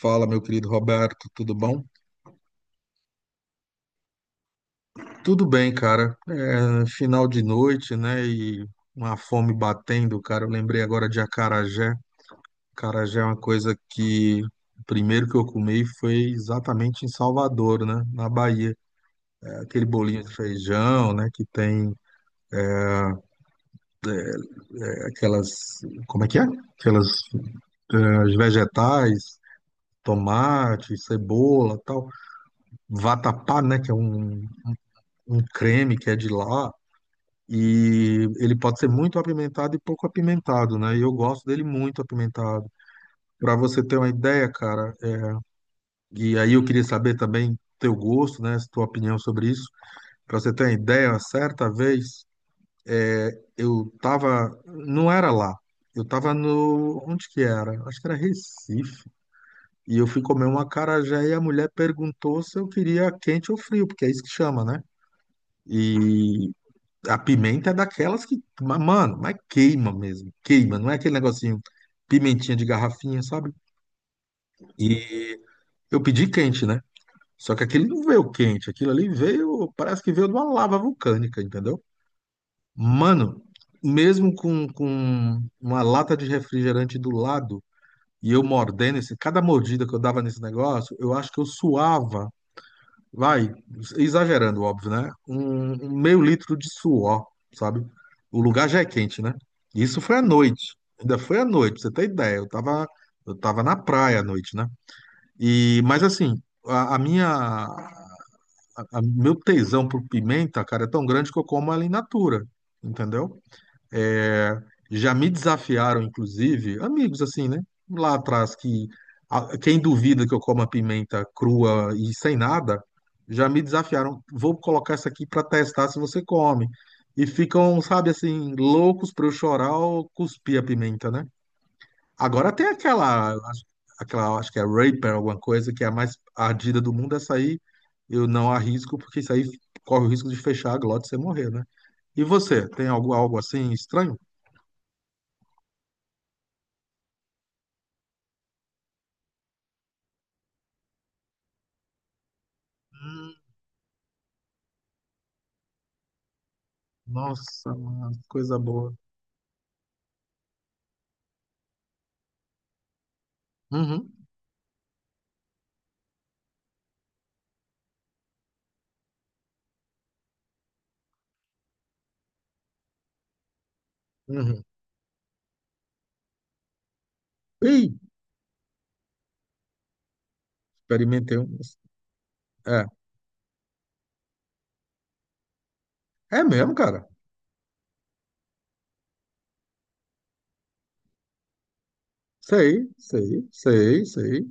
Fala, meu querido Roberto, tudo bom? Tudo bem, cara. É, final de noite, né? E uma fome batendo, cara. Eu lembrei agora de acarajé. Acarajé é uma coisa que o primeiro que eu comi foi exatamente em Salvador, né? Na Bahia. É aquele bolinho de feijão, né? Que tem aquelas, como é que é? Aquelas os vegetais, tomate, cebola, tal. Vatapá, né? Que é um creme que é de lá. E ele pode ser muito apimentado e pouco apimentado, né? E eu gosto dele muito apimentado. Para você ter uma ideia, cara, e aí eu queria saber também teu gosto, né? Tua opinião sobre isso. Para você ter uma ideia, certa vez eu tava, não era lá, eu tava no, onde que era? Acho que era Recife. E eu fui comer um acarajé e a mulher perguntou se eu queria quente ou frio, porque é isso que chama, né? E a pimenta é daquelas que, mano, mas queima mesmo, queima, não é aquele negocinho pimentinha de garrafinha, sabe? E eu pedi quente, né? Só que aquele não veio quente, aquilo ali veio, parece que veio de uma lava vulcânica, entendeu? Mano, mesmo com uma lata de refrigerante do lado e eu mordendo esse, cada mordida que eu dava nesse negócio, eu acho que eu suava vai, exagerando, óbvio, né? Um meio litro de suor, sabe? O lugar já é quente, né? Isso foi à noite. Ainda foi à noite, pra você ter ideia. Eu tava na praia à noite, né? E, mas assim, a minha, a- meu tesão por pimenta, cara, é tão grande que eu como ela in natura, entendeu? É, já me desafiaram, inclusive, amigos assim, né? Lá atrás, que quem duvida que eu como a pimenta crua e sem nada, já me desafiaram. Vou colocar essa aqui para testar se você come. E ficam, sabe assim, loucos para eu chorar ou cuspir a pimenta, né? Agora tem aquela, aquela, acho que é Reaper, alguma coisa, que é a mais ardida do mundo. Essa aí eu não arrisco, porque isso aí corre o risco de fechar a glote e você morrer, né? E você, tem algo, algo assim estranho? Nossa, mano, coisa boa. Uhum, uhum. Ih, experimentei um. É, é mesmo, cara. Sei, sei, sei, sei.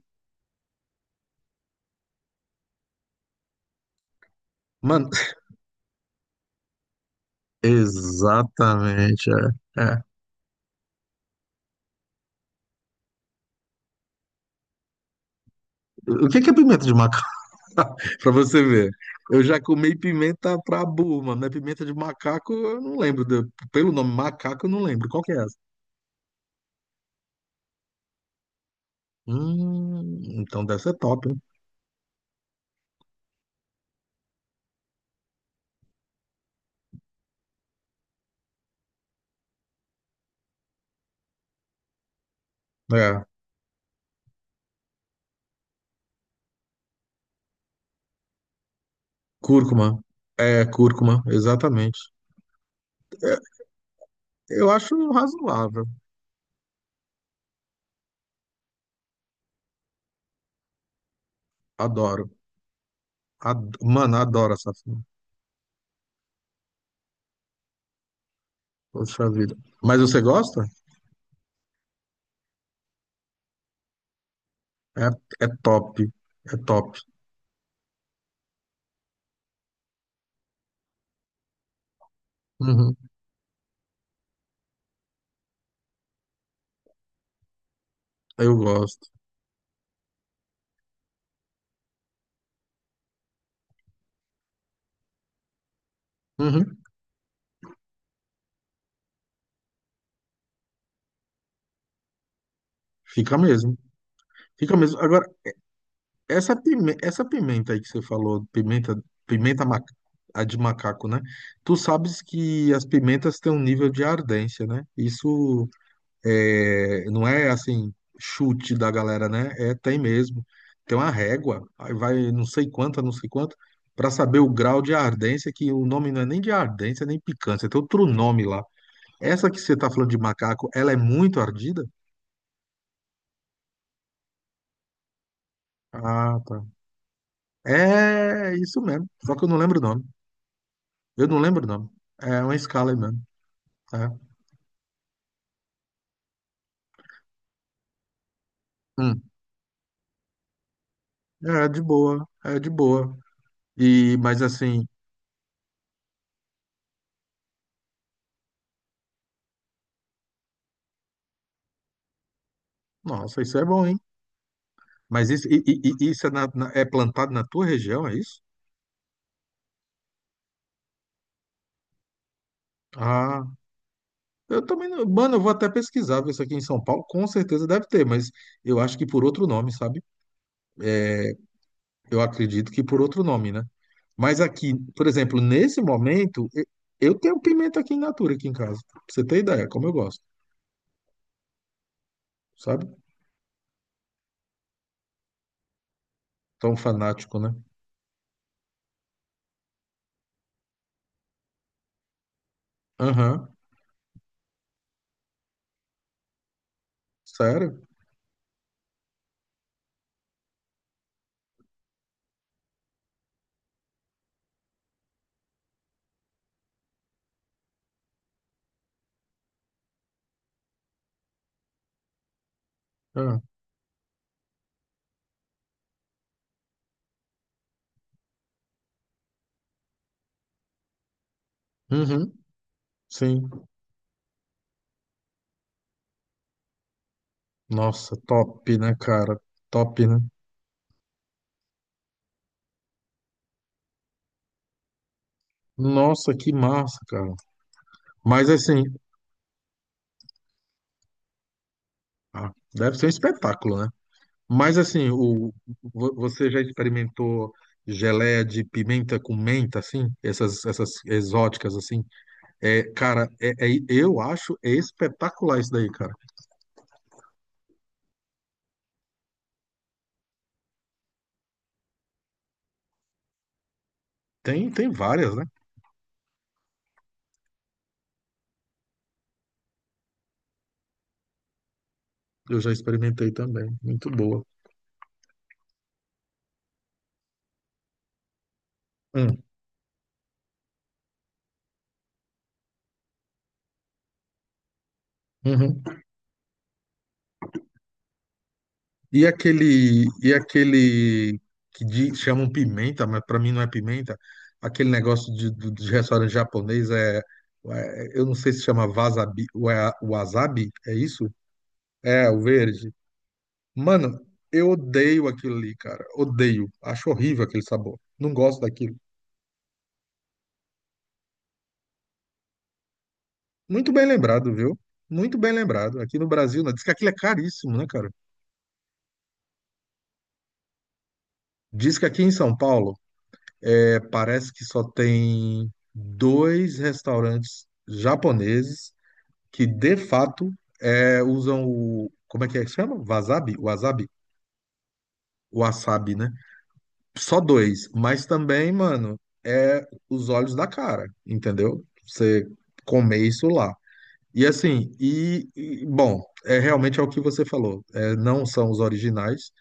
Mano, exatamente, é. É. O que que é pimenta de macaco? Pra você ver. Eu já comi pimenta pra burro, mas pimenta de macaco eu não lembro. Pelo nome macaco eu não lembro. Qual que é essa? Então deve ser top, hein? É, cúrcuma. É, cúrcuma, exatamente. É, eu acho razoável. Adoro. Mano, adoro essa filme. Poxa vida. Mas você gosta? É, é top. É top. Uhum. Eu gosto. Uhum. Fica mesmo. Fica mesmo. Agora, essa pimenta aí que você falou, pimenta ma- a de macaco, né? Tu sabes que as pimentas têm um nível de ardência, né? Isso é, não é assim, chute da galera, né? É, tem mesmo. Tem uma régua, aí vai não sei quanta, não sei quanto, para saber o grau de ardência, que o nome não é nem de ardência, nem picância, tem outro nome lá. Essa que você tá falando de macaco, ela é muito ardida? Ah, tá. É isso mesmo, só que eu não lembro o nome. Eu não lembro o nome. É uma escala aí mesmo. É, hum. É de boa, é de boa. E, mas assim, nossa, isso é bom, hein? Mas isso, isso é, é plantado na tua região, é isso? Ah, eu também não. Mano, eu vou até pesquisar, ver isso aqui em São Paulo, com certeza deve ter, mas eu acho que por outro nome, sabe? Eu acredito que por outro nome, né? Mas aqui, por exemplo, nesse momento, eu tenho pimenta aqui em natura, aqui em casa. Pra você ter ideia, como eu gosto, sabe? Tão fanático, né? Aham, sério? Ah, uhum, sim. Nossa, top, né, cara? Top, né? Nossa, que massa, cara. Mas assim, ah, deve ser um espetáculo, né? Mas assim, o, você já experimentou geleia de pimenta com menta, assim? Essas, essas exóticas, assim? É, cara, é, eu acho espetacular isso daí, cara. Tem, tem várias, né? Eu já experimentei também. Muito boa. Hum, uhum. E aquele que chamam pimenta, mas para mim não é pimenta. Aquele negócio de, de, restaurante japonês é, eu não sei se chama wasabi, wasabi, é isso? É, o verde. Mano, eu odeio aquilo ali, cara. Odeio. Acho horrível aquele sabor. Não gosto daquilo. Muito bem lembrado, viu? Muito bem lembrado. Aqui no Brasil, né? Diz que aquilo é caríssimo, né, cara? Diz que aqui em São Paulo é, parece que só tem dois restaurantes japoneses que, de fato, é, usam o. Como é que chama? Wasabi? Wasabi? Wasabi, né? Só dois. Mas também, mano, é os olhos da cara, entendeu? Você comer isso lá. E assim, e, bom, é realmente é o que você falou. É, não são os originais,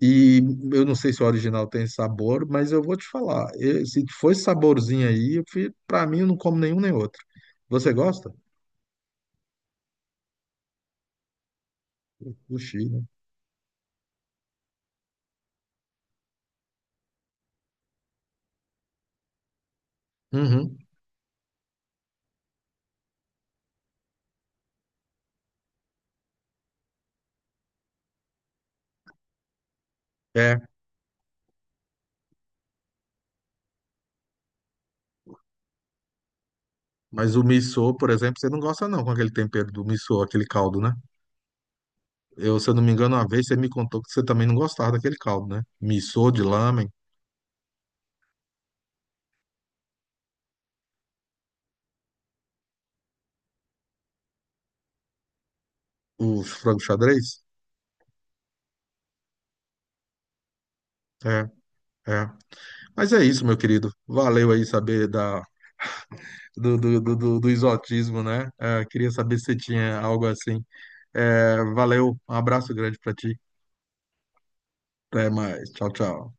e eu não sei se o original tem sabor, mas eu vou te falar. Eu- se for esse saborzinho aí, para mim eu não como nenhum nem outro. Você gosta? Sushi, né? Uhum. É, mas o missô, por exemplo, você não gosta não com aquele tempero do missô, aquele caldo, né? Eu, se eu não me engano, uma vez você me contou que você também não gostava daquele caldo, né? Missô de lamen, o frango xadrez. É, é. Mas é isso, meu querido. Valeu aí saber da, do exotismo, né? É, queria saber se você tinha algo assim. É, valeu, um abraço grande pra ti. Até mais. Tchau, tchau.